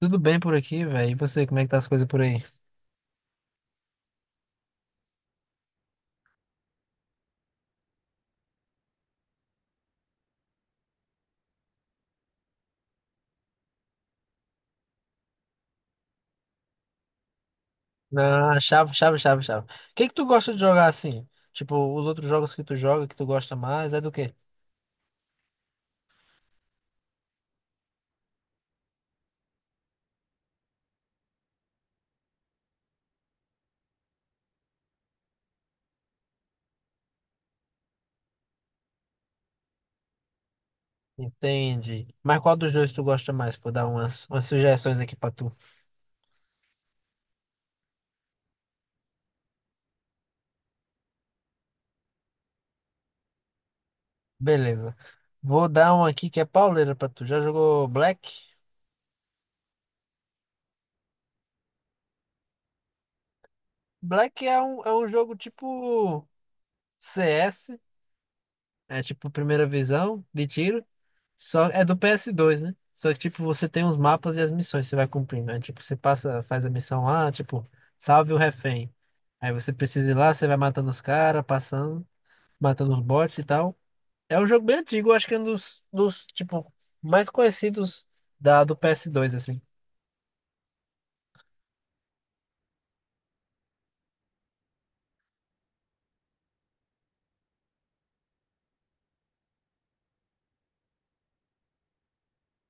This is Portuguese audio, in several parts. Tudo bem por aqui, velho? E você, como é que tá as coisas por aí? Ah, chave, chave, chave, chave. O que que tu gosta de jogar assim? Tipo, os outros jogos que tu joga, que tu gosta mais, é do quê? Entende. Mas qual dos dois tu gosta mais? Vou dar umas sugestões aqui pra tu. Beleza. Vou dar um aqui que é pauleira pra tu. Já jogou Black? Black é um jogo tipo CS, é tipo primeira visão de tiro. Só é do PS2, né? Só que, tipo, você tem os mapas e as missões que você vai cumprindo. Né? Tipo, você passa, faz a missão lá, tipo, salve o refém. Aí você precisa ir lá, você vai matando os caras, passando, matando os bots e tal. É um jogo bem antigo, eu acho que é um dos tipo, mais conhecidos da, do PS2 assim.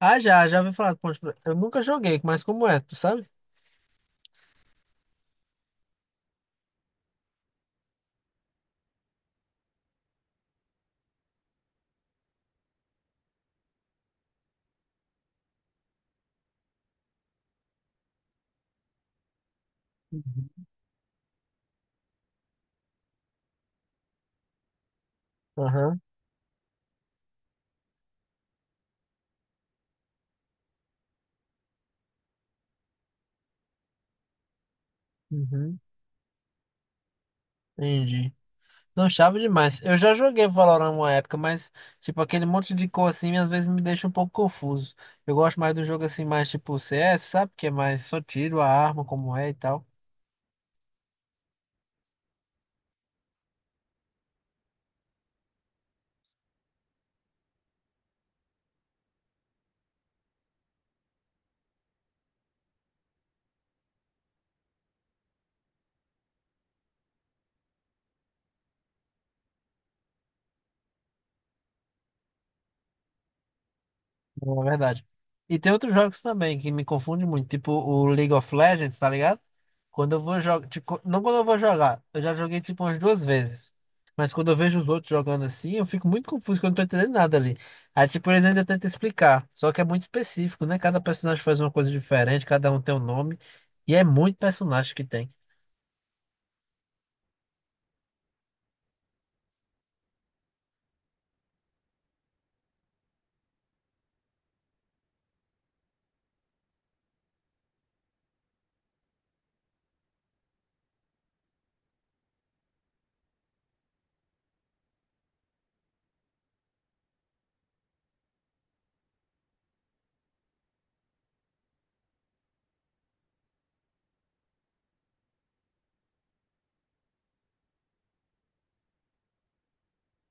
Ah, já ouvi falar do Ponte Preta. Eu nunca joguei, mas como é, tu sabe? Uhum. Aham, uhum, entendi. Não, chave demais. Eu já joguei Valorant uma época, mas, tipo, aquele monte de cor assim, às vezes me deixa um pouco confuso. Eu gosto mais do jogo assim, mais tipo CS, sabe? Que é mais só tiro, a arma, como é e tal. Não, é verdade. E tem outros jogos também que me confundem muito, tipo o League of Legends, tá ligado? Quando eu vou jogar, tipo, não quando eu vou jogar, eu já joguei tipo umas duas vezes. Mas quando eu vejo os outros jogando assim, eu fico muito confuso, que eu não tô entendendo nada ali. Aí, tipo, eles ainda tentam explicar, só que é muito específico, né? Cada personagem faz uma coisa diferente, cada um tem um nome, e é muito personagem que tem.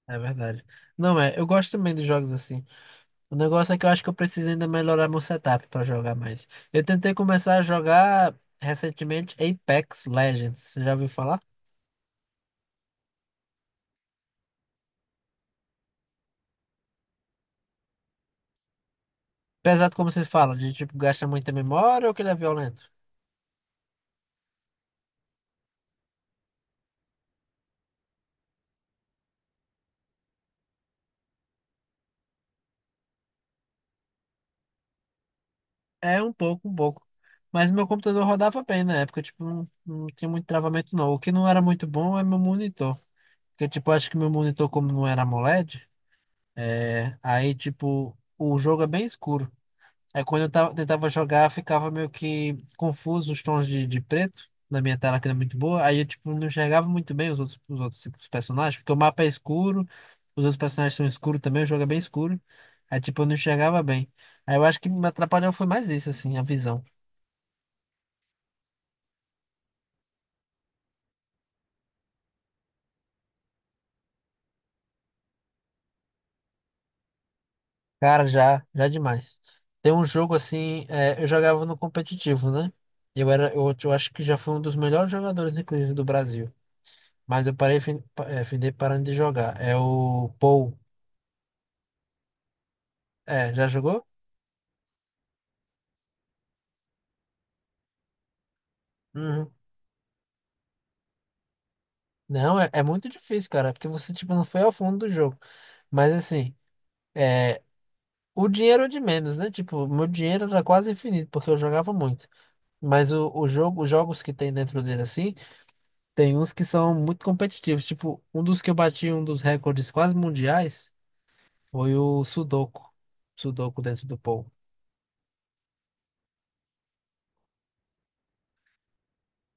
É verdade. Não é, eu gosto também de jogos assim. O negócio é que eu acho que eu preciso ainda melhorar meu setup pra jogar mais. Eu tentei começar a jogar recentemente Apex Legends. Você já ouviu falar? Pesado como você fala, de tipo, gasta muita memória ou que ele é violento? É um pouco, um pouco. Mas meu computador rodava bem na época, tipo, não tinha muito travamento não. O que não era muito bom é meu monitor. Porque, tipo, eu acho que meu monitor, como não era AMOLED, é, aí, tipo, o jogo é bem escuro. Aí quando eu tava, tentava jogar, ficava meio que confuso os tons de, preto na minha tela, que era muito boa. Aí eu, tipo, não enxergava muito bem os outros tipo, os personagens, porque o mapa é escuro, os outros personagens são escuros também, o jogo é bem escuro. Aí, tipo, eu não enxergava bem. Aí eu acho que me atrapalhou foi mais isso, assim, a visão. Cara, já demais. Tem um jogo, assim, é, eu jogava no competitivo, né? Eu acho que já fui um dos melhores jogadores, inclusive, do Brasil. Mas eu parei, findei parando de jogar. É o Pou. É, já jogou? Uhum. Não, é muito difícil, cara, porque você, tipo, não foi ao fundo do jogo. Mas, assim, é, o dinheiro é de menos, né? Tipo, meu dinheiro era quase infinito, porque eu jogava muito. Mas o jogo, os jogos que tem dentro dele, assim, tem uns que são muito competitivos. Tipo, um dos que eu bati, um dos recordes quase mundiais, foi o Sudoku. Sudoku dentro do Pou.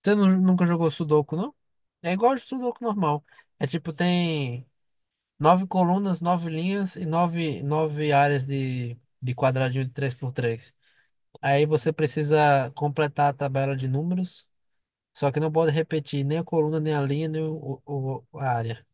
Você nunca jogou Sudoku, não? É igual de Sudoku normal. É tipo, tem nove colunas, nove linhas e nove áreas de quadradinho de três por três. Aí você precisa completar a tabela de números, só que não pode repetir nem a coluna, nem a linha, nem a área.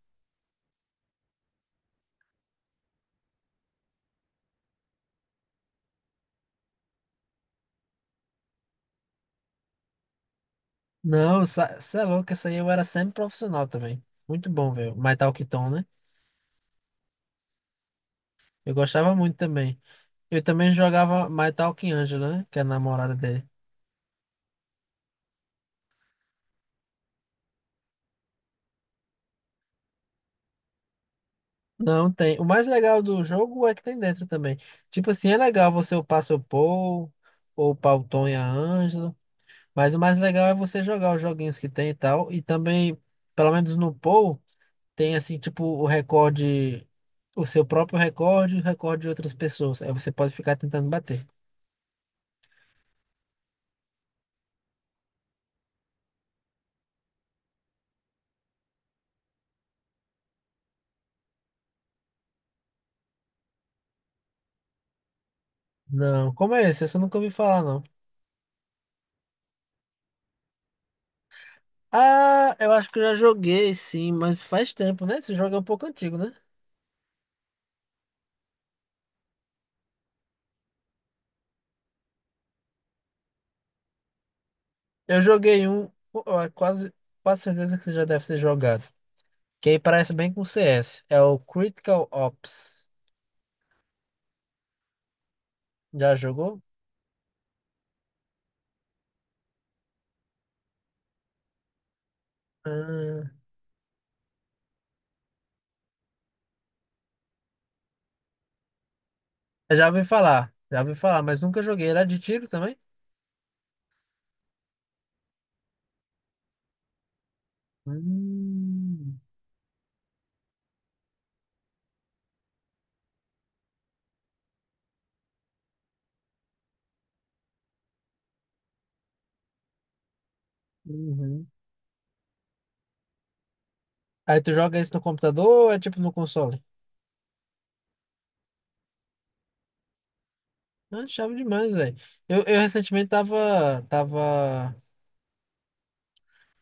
Não, você é louco, essa aí eu era sempre profissional também. Muito bom, velho. My Talk Tom, né? Eu gostava muito também. Eu também jogava My Talk Angela, né? Que é a namorada dele. Não tem. O mais legal do jogo é que tem dentro também. Tipo assim, é legal você upar seu Paul, ou upar o Tom e a Ângela, mas o mais legal é você jogar os joguinhos que tem e tal. E também, pelo menos no Paul, tem assim, tipo, o recorde, o seu próprio recorde e o recorde de outras pessoas. Aí você pode ficar tentando bater. Não, como é esse? Esse eu nunca ouvi falar, não. Ah, eu acho que eu já joguei, sim, mas faz tempo, né? Esse jogo é um pouco antigo, né? Eu joguei um, ó, quase, quase certeza que você já deve ter jogado. Que aí parece bem com CS. É o Critical Ops. Já jogou? Ah, eu já ouvi falar. Já ouvi falar, mas nunca joguei. Era de tiro também? Hum, uhum. Aí tu joga isso no computador ou é tipo no console? Ah, chave demais, velho. Eu recentemente tava, tava,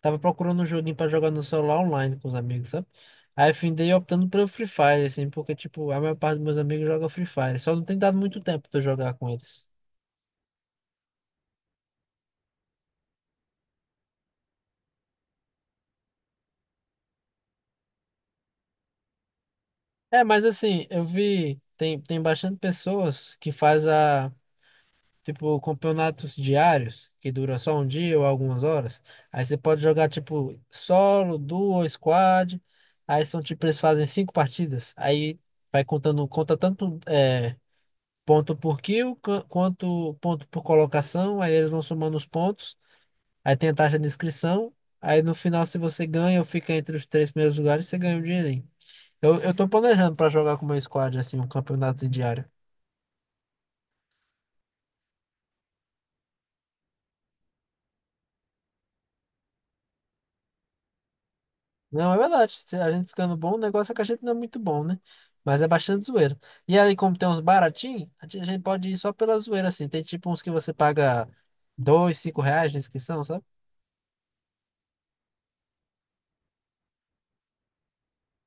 tava procurando um joguinho pra jogar no celular online com os amigos, sabe? Aí findei optando pelo Free Fire, assim, porque, tipo, a maior parte dos meus amigos joga Free Fire. Só não tem dado muito tempo pra eu jogar com eles. É, mas assim, eu vi, tem bastante pessoas que faz a, tipo, campeonatos diários, que dura só um dia ou algumas horas. Aí você pode jogar, tipo, solo, duo, squad. Aí são, tipo, eles fazem cinco partidas. Aí vai contando, conta tanto é, ponto por kill, quanto ponto por colocação. Aí eles vão somando os pontos. Aí tem a taxa de inscrição. Aí no final, se você ganha ou fica entre os três primeiros lugares, você ganha o dinheirinho. Eu tô planejando pra jogar com o meu squad, assim, um campeonato em diário. Não, é verdade. Se a gente ficando bom, o negócio é que a gente não é muito bom, né? Mas é bastante zoeira. E aí, como tem uns baratinhos, a gente pode ir só pela zoeira, assim. Tem tipo uns que você paga dois, R$ 5 de inscrição, sabe?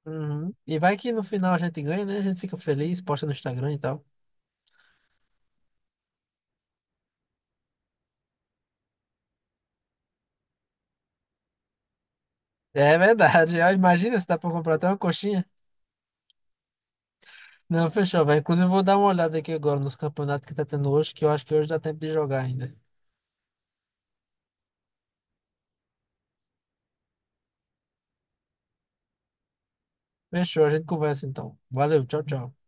Uhum. E vai que no final a gente ganha, né? A gente fica feliz, posta no Instagram e tal. É verdade. Ó, imagina se dá pra comprar até uma coxinha. Não, fechou, velho. Inclusive, eu vou dar uma olhada aqui agora nos campeonatos que tá tendo hoje, que eu acho que hoje dá tempo de jogar ainda. Fechou, a gente conversa então. Valeu, tchau, tchau.